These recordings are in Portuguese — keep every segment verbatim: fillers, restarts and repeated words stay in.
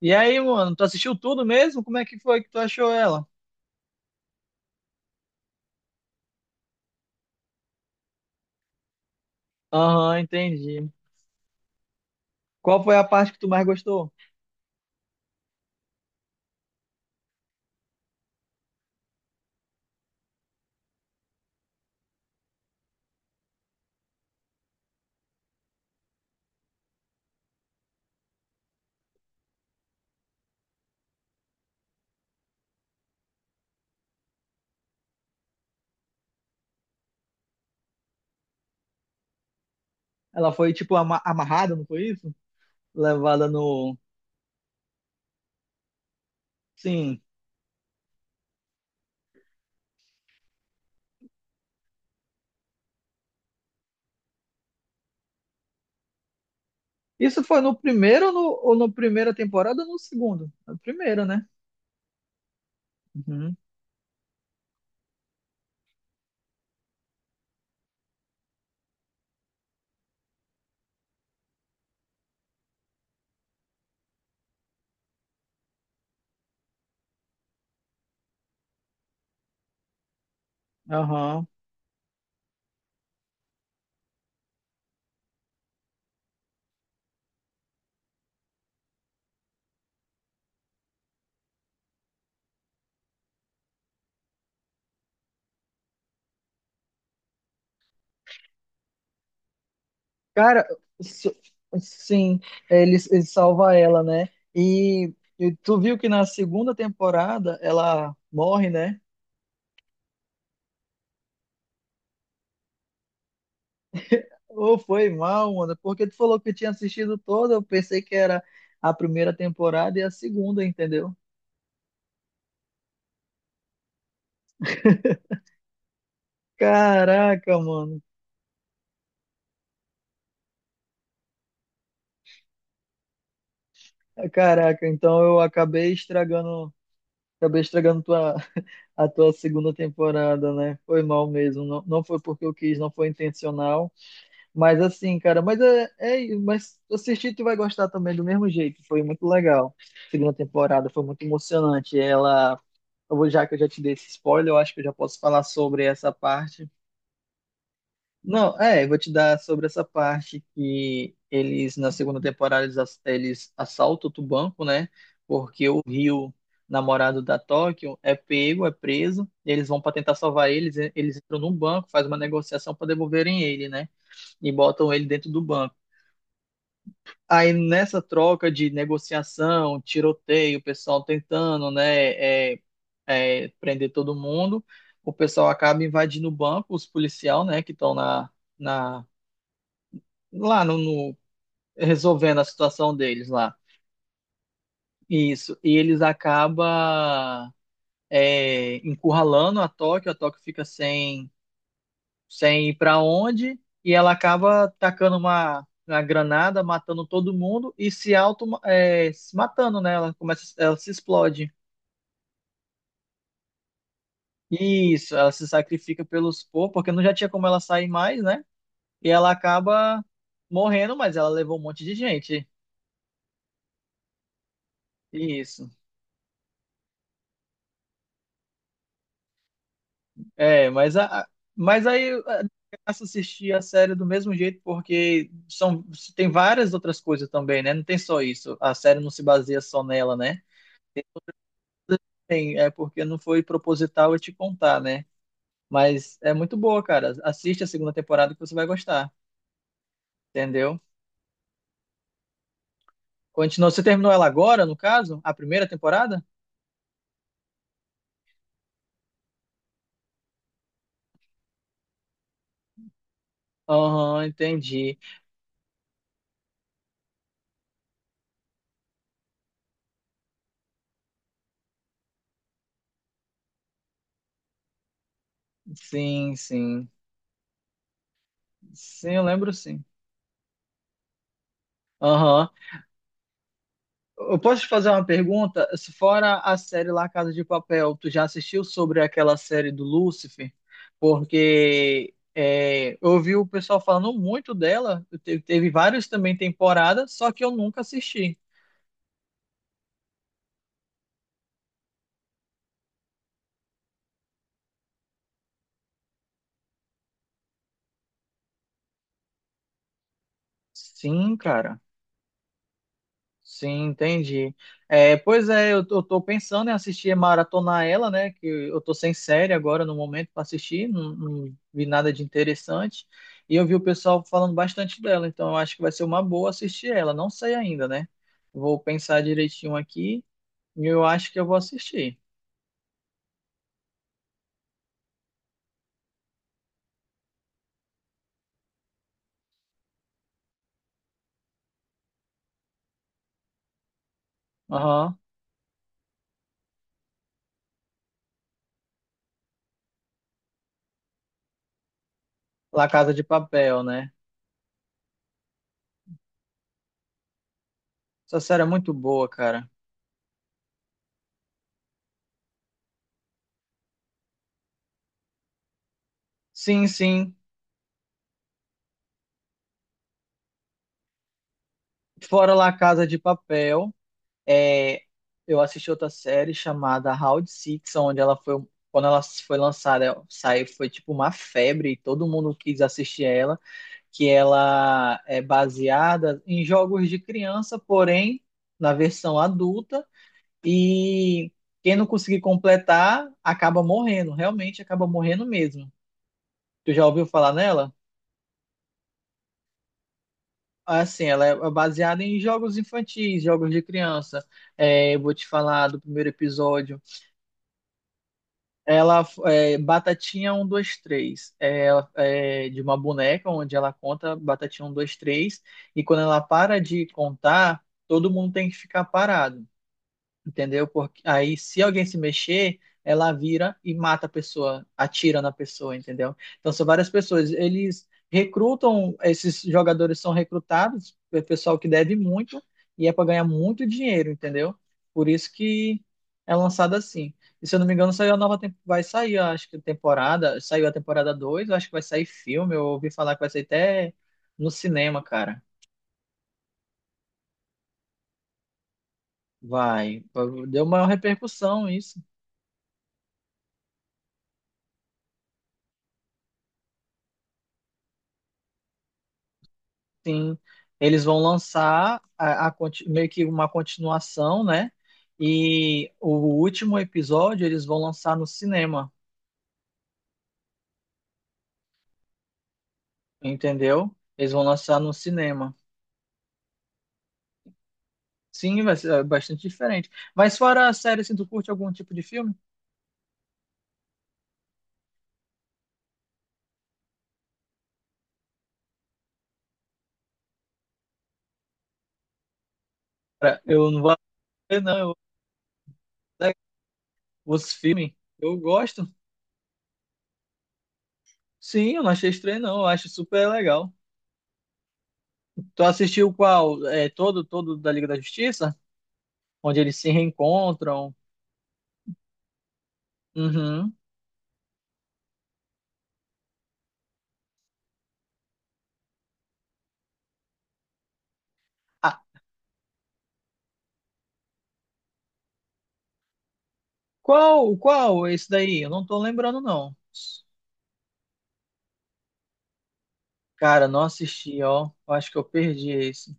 E aí, mano, tu assistiu tudo mesmo? Como é que foi que tu achou ela? Aham, entendi. Qual foi a parte que tu mais gostou? Ela foi, tipo, ama- amarrada, não foi isso? Levada no. Sim. Isso foi no primeiro ou no, ou no primeira temporada ou no segundo? No primeiro, né? Uhum. Aham. Cara, s- sim, ele, ele salva ela, né? E, e tu viu que na segunda temporada ela morre, né? Ô, foi mal, mano. Porque tu falou que tinha assistido toda, eu pensei que era a primeira temporada e a segunda, entendeu? Caraca, mano. Caraca, então eu acabei estragando, acabei estragando tua, a tua segunda temporada, né? Foi mal mesmo. Não, não foi porque eu quis, não foi intencional. Mas assim, cara, mas é, é, mas assistir tu vai gostar também do mesmo jeito. Foi muito legal. Segunda temporada foi muito emocionante. Ela, eu vou- já que eu já te dei esse spoiler, eu acho que eu já posso falar sobre essa parte. Não, é, eu vou te dar sobre essa parte que eles, na segunda temporada, eles, ass- eles assaltam outro banco, né? Porque o Rio, namorado da Tóquio, é pego, é preso, e eles vão para tentar salvar eles, e- eles entram num banco, faz uma negociação para devolverem ele, né? E botam ele dentro do banco. Aí nessa troca de negociação, tiroteio, o pessoal tentando, né, é, é, prender todo mundo, o pessoal acaba invadindo o banco, os policial, né, que estão na. Na lá no, no- resolvendo a situação deles lá. Isso. E eles acabam é, encurralando a Tóquio, a Tóquio fica sem, sem ir para onde, e ela acaba tacando uma, uma granada, matando todo mundo e se auto é, se matando, né? Ela começa, ela se explode. Isso, ela se sacrifica pelos Po, porque não já tinha como ela sair mais, né? E ela acaba morrendo, mas ela levou um monte de gente. Isso. É, mas, a, mas aí a graça assistir a série do mesmo jeito, porque são, tem várias outras coisas também, né? Não tem só isso. A série não se baseia só nela, né? Tem, é porque não foi proposital eu te contar, né? Mas é muito boa, cara. Assiste a segunda temporada que você vai gostar, entendeu? Continua. Você terminou ela agora, no caso? A primeira temporada? Aham, entendi. Sim, sim. Sim, eu lembro sim. Aham. Eu posso te fazer uma pergunta? Se fora a série lá Casa de Papel, tu já assistiu sobre aquela série do Lúcifer? Porque é, eu ouvi o pessoal falando muito dela, te- teve várias também temporadas, só que eu nunca assisti. Sim, cara. Sim, entendi. É, pois é, eu, eu tô pensando em assistir, é, maratonar ela, né? Que eu tô sem série agora no momento para assistir, não, não vi nada de interessante. E eu vi o pessoal falando bastante dela, então eu acho que vai ser uma boa assistir ela. Não sei ainda, né? Vou pensar direitinho aqui e eu acho que eu vou assistir. Aham. La Casa de Papel, né? Essa série é muito boa, cara. Sim, sim. Fora La Casa de Papel. É, eu assisti outra série chamada Round Six, onde ela foi, quando ela foi lançada, saiu, foi tipo uma febre e todo mundo quis assistir ela, que ela é baseada em jogos de criança, porém na versão adulta, e quem não conseguir completar acaba morrendo, realmente acaba morrendo mesmo. Tu já ouviu falar nela? Assim, ela é baseada em jogos infantis, jogos de criança. É, eu vou te falar do primeiro episódio. Ela é Batatinha um dois três. É, ela- é de uma boneca onde ela conta Batatinha um dois três. E quando ela para de contar, todo mundo tem que ficar parado, entendeu? Porque aí, se alguém se mexer, ela vira e mata a pessoa, atira na pessoa, entendeu? Então, são várias pessoas. Eles recrutam, esses jogadores são recrutados, é pessoal que deve muito, e é para ganhar muito dinheiro, entendeu? Por isso que é lançado assim. E se eu não me engano, saiu a nova, tem- vai sair, eu acho que temporada, saiu a temporada dois, eu acho que vai sair filme, eu ouvi falar que vai sair até no cinema, cara. Vai, deu maior repercussão isso. Sim, eles vão lançar a, a conti- meio que uma continuação, né? E o último episódio eles vão lançar no cinema, entendeu? Eles vão lançar no cinema. Sim, vai ser é bastante diferente. Mas fora a série, assim, tu curte algum tipo de filme? Cara, eu não vou ver, não. Eu, os filmes, eu gosto. Sim, eu não achei estranho, não. Eu acho super legal. Tu assistiu qual? É, todo, todo da Liga da Justiça? Onde eles se reencontram? Uhum. Qual, qual é esse daí? Eu não tô lembrando, não. Cara, não assisti, ó. Eu acho que eu perdi esse.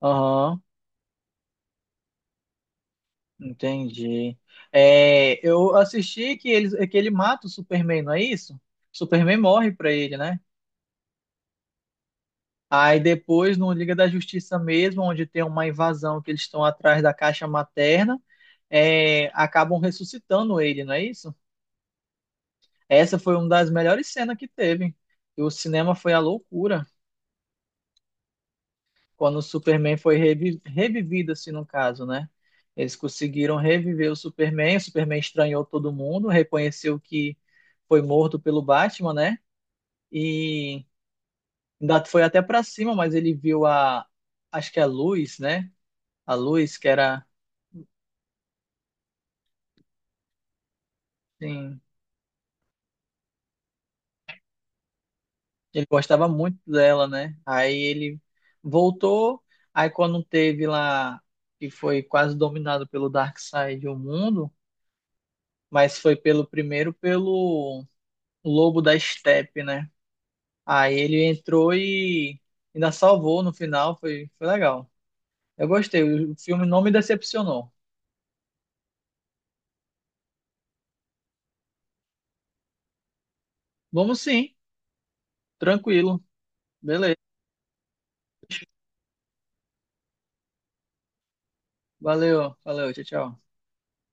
Aham, entendi. É, eu assisti que ele, que ele mata o Superman, não é isso? O Superman morre pra ele, né? Aí depois, no Liga da Justiça mesmo, onde tem uma invasão que eles estão atrás da caixa materna, é, acabam ressuscitando ele, não é isso? Essa foi uma das melhores cenas que teve. E o cinema foi a loucura. Quando o Superman foi revi- revivido, assim, no caso, né? Eles conseguiram reviver o Superman, o Superman estranhou todo mundo, reconheceu que foi morto pelo Batman, né? E ainda foi até pra cima, mas ele viu a, acho que a luz, né? A luz que era, assim, ele gostava muito dela, né? Aí ele voltou, aí quando teve lá, que foi quase dominado pelo Darkseid o mundo, mas foi pelo primeiro pelo Lobo da Estepe, né? Aí ele entrou e ainda salvou no final, foi, foi legal. Eu gostei, o filme não me decepcionou. Vamos sim, tranquilo. Beleza. Valeu, valeu, tchau, tchau.